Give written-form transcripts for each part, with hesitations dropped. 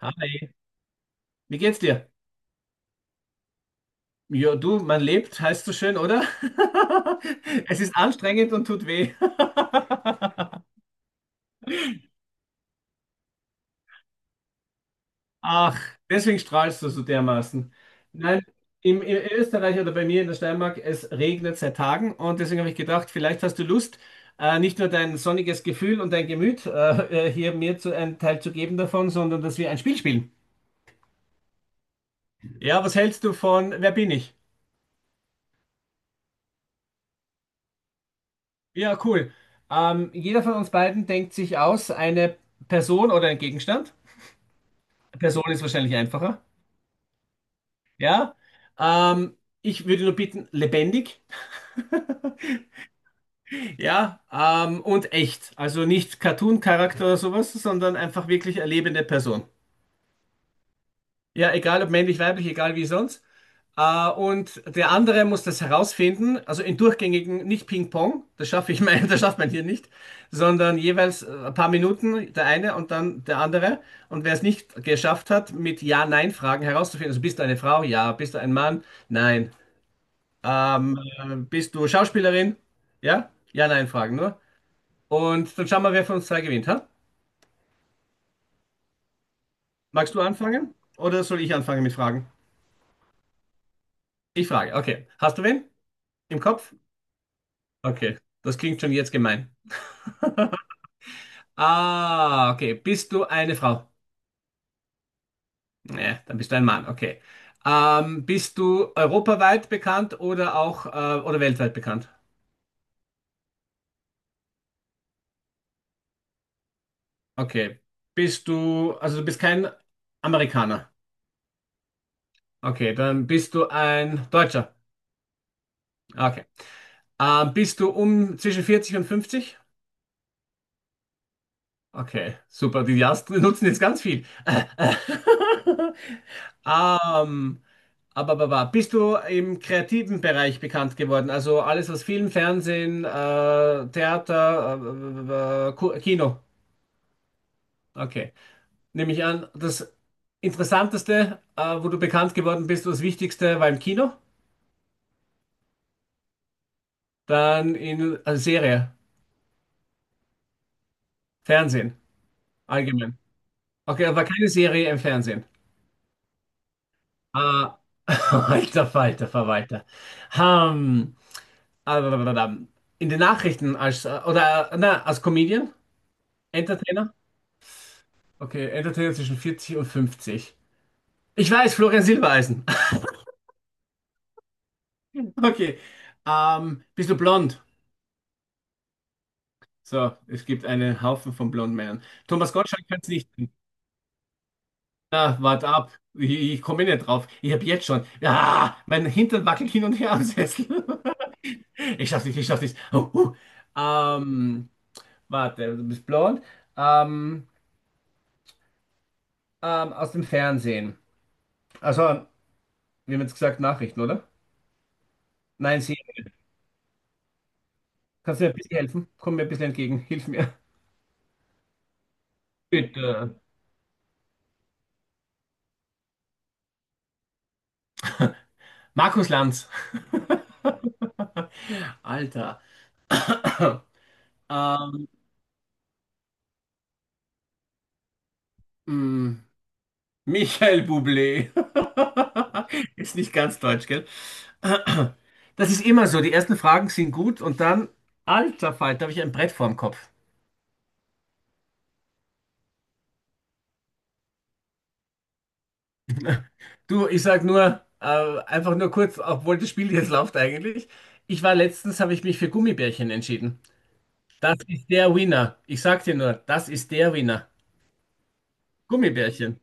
Hi, wie geht's dir? Ja, du, man lebt, heißt so schön, oder? Es ist anstrengend und tut weh. Ach, deswegen strahlst du so dermaßen. Nein, in Österreich oder bei mir in der Steiermark, es regnet seit Tagen und deswegen habe ich gedacht, vielleicht hast du Lust, nicht nur dein sonniges Gefühl und dein Gemüt hier mir zu, einen Teil zu geben davon, sondern dass wir ein Spiel spielen. Ja, was hältst du von Wer bin ich? Ja, cool. Jeder von uns beiden denkt sich aus eine Person oder ein Gegenstand. Person ist wahrscheinlich einfacher. Ja. Ähm, Ich würde nur bitten, lebendig. Ja. Und echt. Also nicht Cartoon-Charakter oder sowas, sondern einfach wirklich eine lebende Person. Ja, egal ob männlich, weiblich, egal wie sonst. Und der andere muss das herausfinden, also in durchgängigen, nicht Ping-Pong, das schaffe ich mein, das schafft man hier nicht, sondern jeweils ein paar Minuten der eine und dann der andere. Und wer es nicht geschafft hat, mit Ja-Nein-Fragen herauszufinden, also bist du eine Frau? Ja. Bist du ein Mann? Nein. Bist du Schauspielerin? Ja? Ja-Nein-Fragen nur. Und dann schauen wir, wer von uns zwei gewinnt, ha? Magst du anfangen? Oder soll ich anfangen mit Fragen? Ich frage, okay. Hast du wen im Kopf? Okay, das klingt schon jetzt gemein. Ah, okay. Bist du eine Frau? Ja, dann bist du ein Mann, okay. Bist du europaweit bekannt oder auch oder weltweit bekannt? Okay. Also du bist kein Amerikaner. Okay, dann bist du ein Deutscher. Okay. Bist du um zwischen 40 und 50? Okay, super. Die Jastri nutzen jetzt ganz viel. Ähm, aber bist du im kreativen Bereich bekannt geworden? Also alles, was Film, Fernsehen, Theater, Kino. Okay. Nehme ich an, das Interessanteste, wo du bekannt geworden bist, das Wichtigste war im Kino, dann in Serie, Fernsehen, allgemein. Okay, aber keine Serie im Fernsehen. Ah, alter Falter, Verwalter. Ähm, ah, in den Nachrichten als, oder, na, als Comedian? Entertainer? Okay, Entertainer zwischen 40 und 50. Ich weiß, Florian Silbereisen. Okay. Bist du blond? So, es gibt einen Haufen von blonden Männern. Thomas Gottschalk kann es nicht sein. Na, wart ab. Ich komme nicht drauf. Ich habe jetzt schon. Ja, mein Hintern wackelt hin und her am Sessel. Ich schaff's nicht, ich schaff's nicht. Oh. Ähm, Warte, du bist blond. Ähm, Aus dem Fernsehen. Also, wir haben jetzt gesagt Nachrichten, oder? Nein, sie. Kannst du mir ein bisschen helfen? Komm mir ein bisschen entgegen. Hilf mir. Bitte. Markus Lanz. Alter. Ähm, mh, Michael Bublé. Ist nicht ganz deutsch, gell? Das ist immer so. Die ersten Fragen sind gut und dann, alter Falter, habe ich ein Brett vorm Kopf. Du, ich sag nur, einfach nur kurz, obwohl das Spiel jetzt läuft eigentlich. Ich war letztens, habe ich mich für Gummibärchen entschieden. Das ist der Winner. Ich sag dir nur, das ist der Winner. Gummibärchen.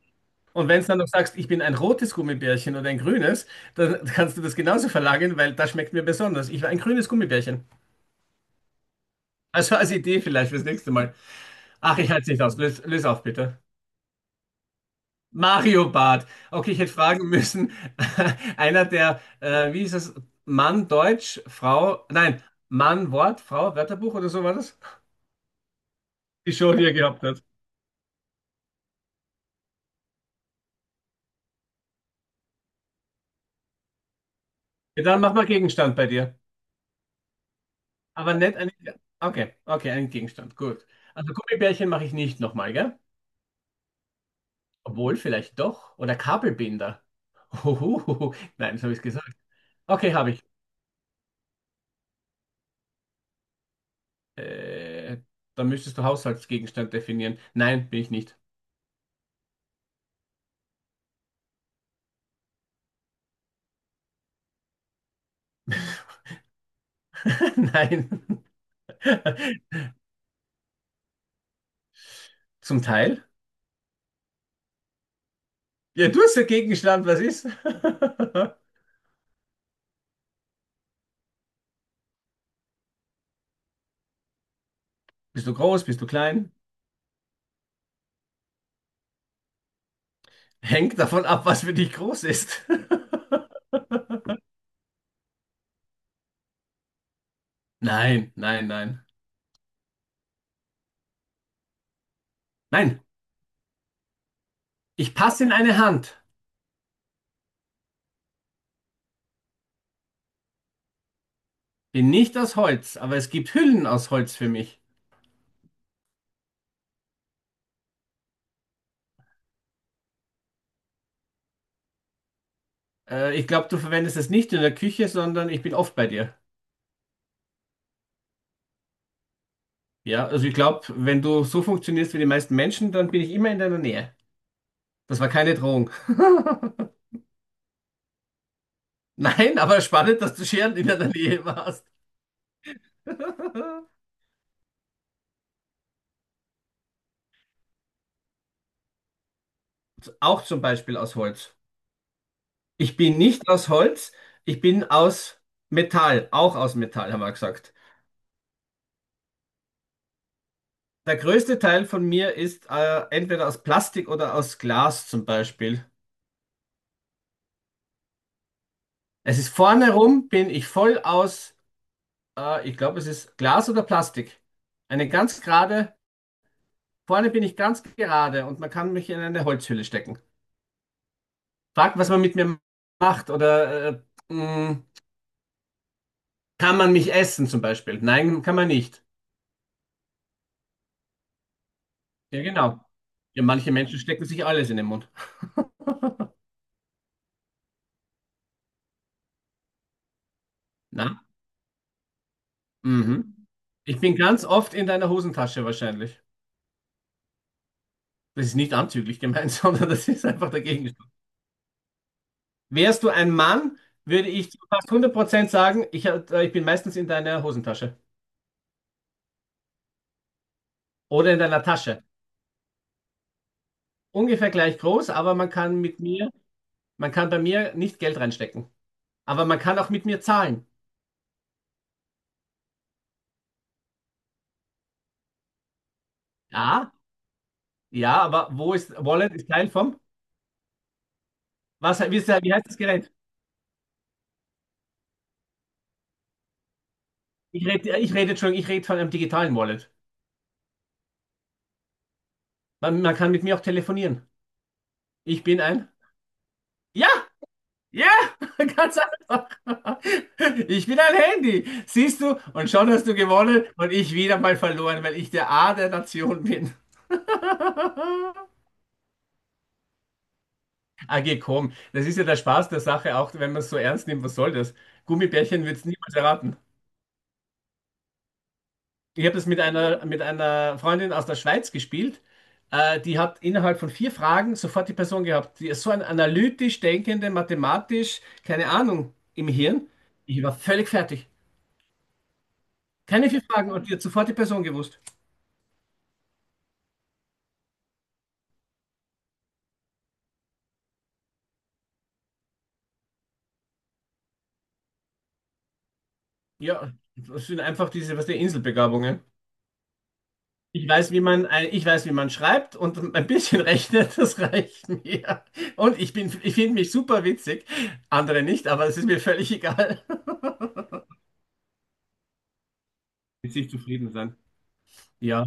Und wenn du dann noch sagst, ich bin ein rotes Gummibärchen oder ein grünes, dann kannst du das genauso verlagern, weil das schmeckt mir besonders. Ich war ein grünes Gummibärchen. Also als Idee vielleicht fürs nächste Mal. Ach, ich halte es nicht aus. Lös auf, bitte. Mario Barth. Okay, ich hätte fragen müssen, einer der, wie ist es, Mann Deutsch, Frau, nein, Mann Wort, Frau Wörterbuch oder so war das? Die Show, die er gehabt hat. Ja, dann mach mal Gegenstand bei dir. Aber nicht einen, okay, einen Gegenstand, gut. Also Gummibärchen mache ich nicht nochmal, gell? Obwohl, vielleicht doch. Oder Kabelbinder. Huhuhuhu. Nein, das habe ich gesagt. Okay, habe ich. Äh, Dann müsstest du Haushaltsgegenstand definieren. Nein, bin ich nicht. Nein. Zum Teil. Ja, du hast dagegen geschlagen, was ist? Bist du groß, bist du klein? Hängt davon ab, was für dich groß ist. Nein, nein, nein. Nein, ich passe in eine Hand. Bin nicht aus Holz, aber es gibt Hüllen aus Holz für mich. Ich glaube, du verwendest es nicht in der Küche, sondern ich bin oft bei dir. Ja, also ich glaube, wenn du so funktionierst wie die meisten Menschen, dann bin ich immer in deiner Nähe. Das war keine Drohung. Nein, aber spannend, dass du Scheren in deiner Nähe warst. Auch zum Beispiel aus Holz. Ich bin nicht aus Holz, ich bin aus Metall, auch aus Metall, haben wir gesagt. Der größte Teil von mir ist entweder aus Plastik oder aus Glas zum Beispiel. Es ist vorne rum, bin ich voll aus, ich glaube, es ist Glas oder Plastik. Eine ganz gerade, vorne bin ich ganz gerade und man kann mich in eine Holzhülle stecken. Frag, was man mit mir macht oder mh, kann man mich essen zum Beispiel? Nein, kann man nicht. Ja, genau. Ja, manche Menschen stecken sich alles in den Mund. Na, mhm. Ich bin ganz oft in deiner Hosentasche wahrscheinlich. Das ist nicht anzüglich gemeint, sondern das ist einfach der Gegenstand. Wärst du ein Mann, würde ich zu fast 100% sagen, ich bin meistens in deiner Hosentasche oder in deiner Tasche. Ungefähr gleich groß, aber man kann bei mir nicht Geld reinstecken. Aber man kann auch mit mir zahlen. Ja, ja, aber Wallet ist Teil vom, wie heißt das Gerät? Ich rede, Entschuldigung, ich rede von einem digitalen Wallet. Man kann mit mir auch telefonieren. Ich bin ein, ja! Ja, ganz einfach. Ich bin ein Handy, siehst du? Und schon hast du gewonnen und ich wieder mal verloren, weil ich der A der Nation bin. Ah, geh, komm. Das ist ja der Spaß der Sache, auch wenn man es so ernst nimmt. Was soll das? Gummibärchen wird es niemals erraten. Ich habe das mit einer Freundin aus der Schweiz gespielt. Die hat innerhalb von 4 Fragen sofort die Person gehabt. Die ist so ein analytisch denkende, mathematisch, keine Ahnung, im Hirn. Ich war völlig fertig. Keine 4 Fragen und die hat sofort die Person gewusst. Ja, das sind einfach diese, was die Inselbegabungen. Ich weiß, wie man schreibt und ein bisschen rechnet, das reicht mir. Und ich finde mich super witzig. Andere nicht, aber es ist mir völlig egal. Mit sich zufrieden sein. Ja,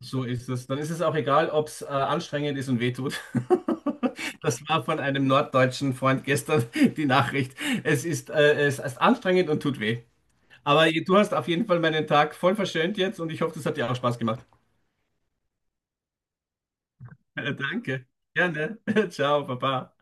so ist es. Dann ist es auch egal, ob es anstrengend ist und wehtut. Das war von einem norddeutschen Freund gestern die Nachricht. Es ist anstrengend und tut weh. Aber du hast auf jeden Fall meinen Tag voll verschönt jetzt und ich hoffe, das hat dir auch Spaß gemacht. Danke. Gerne. Ciao, Papa.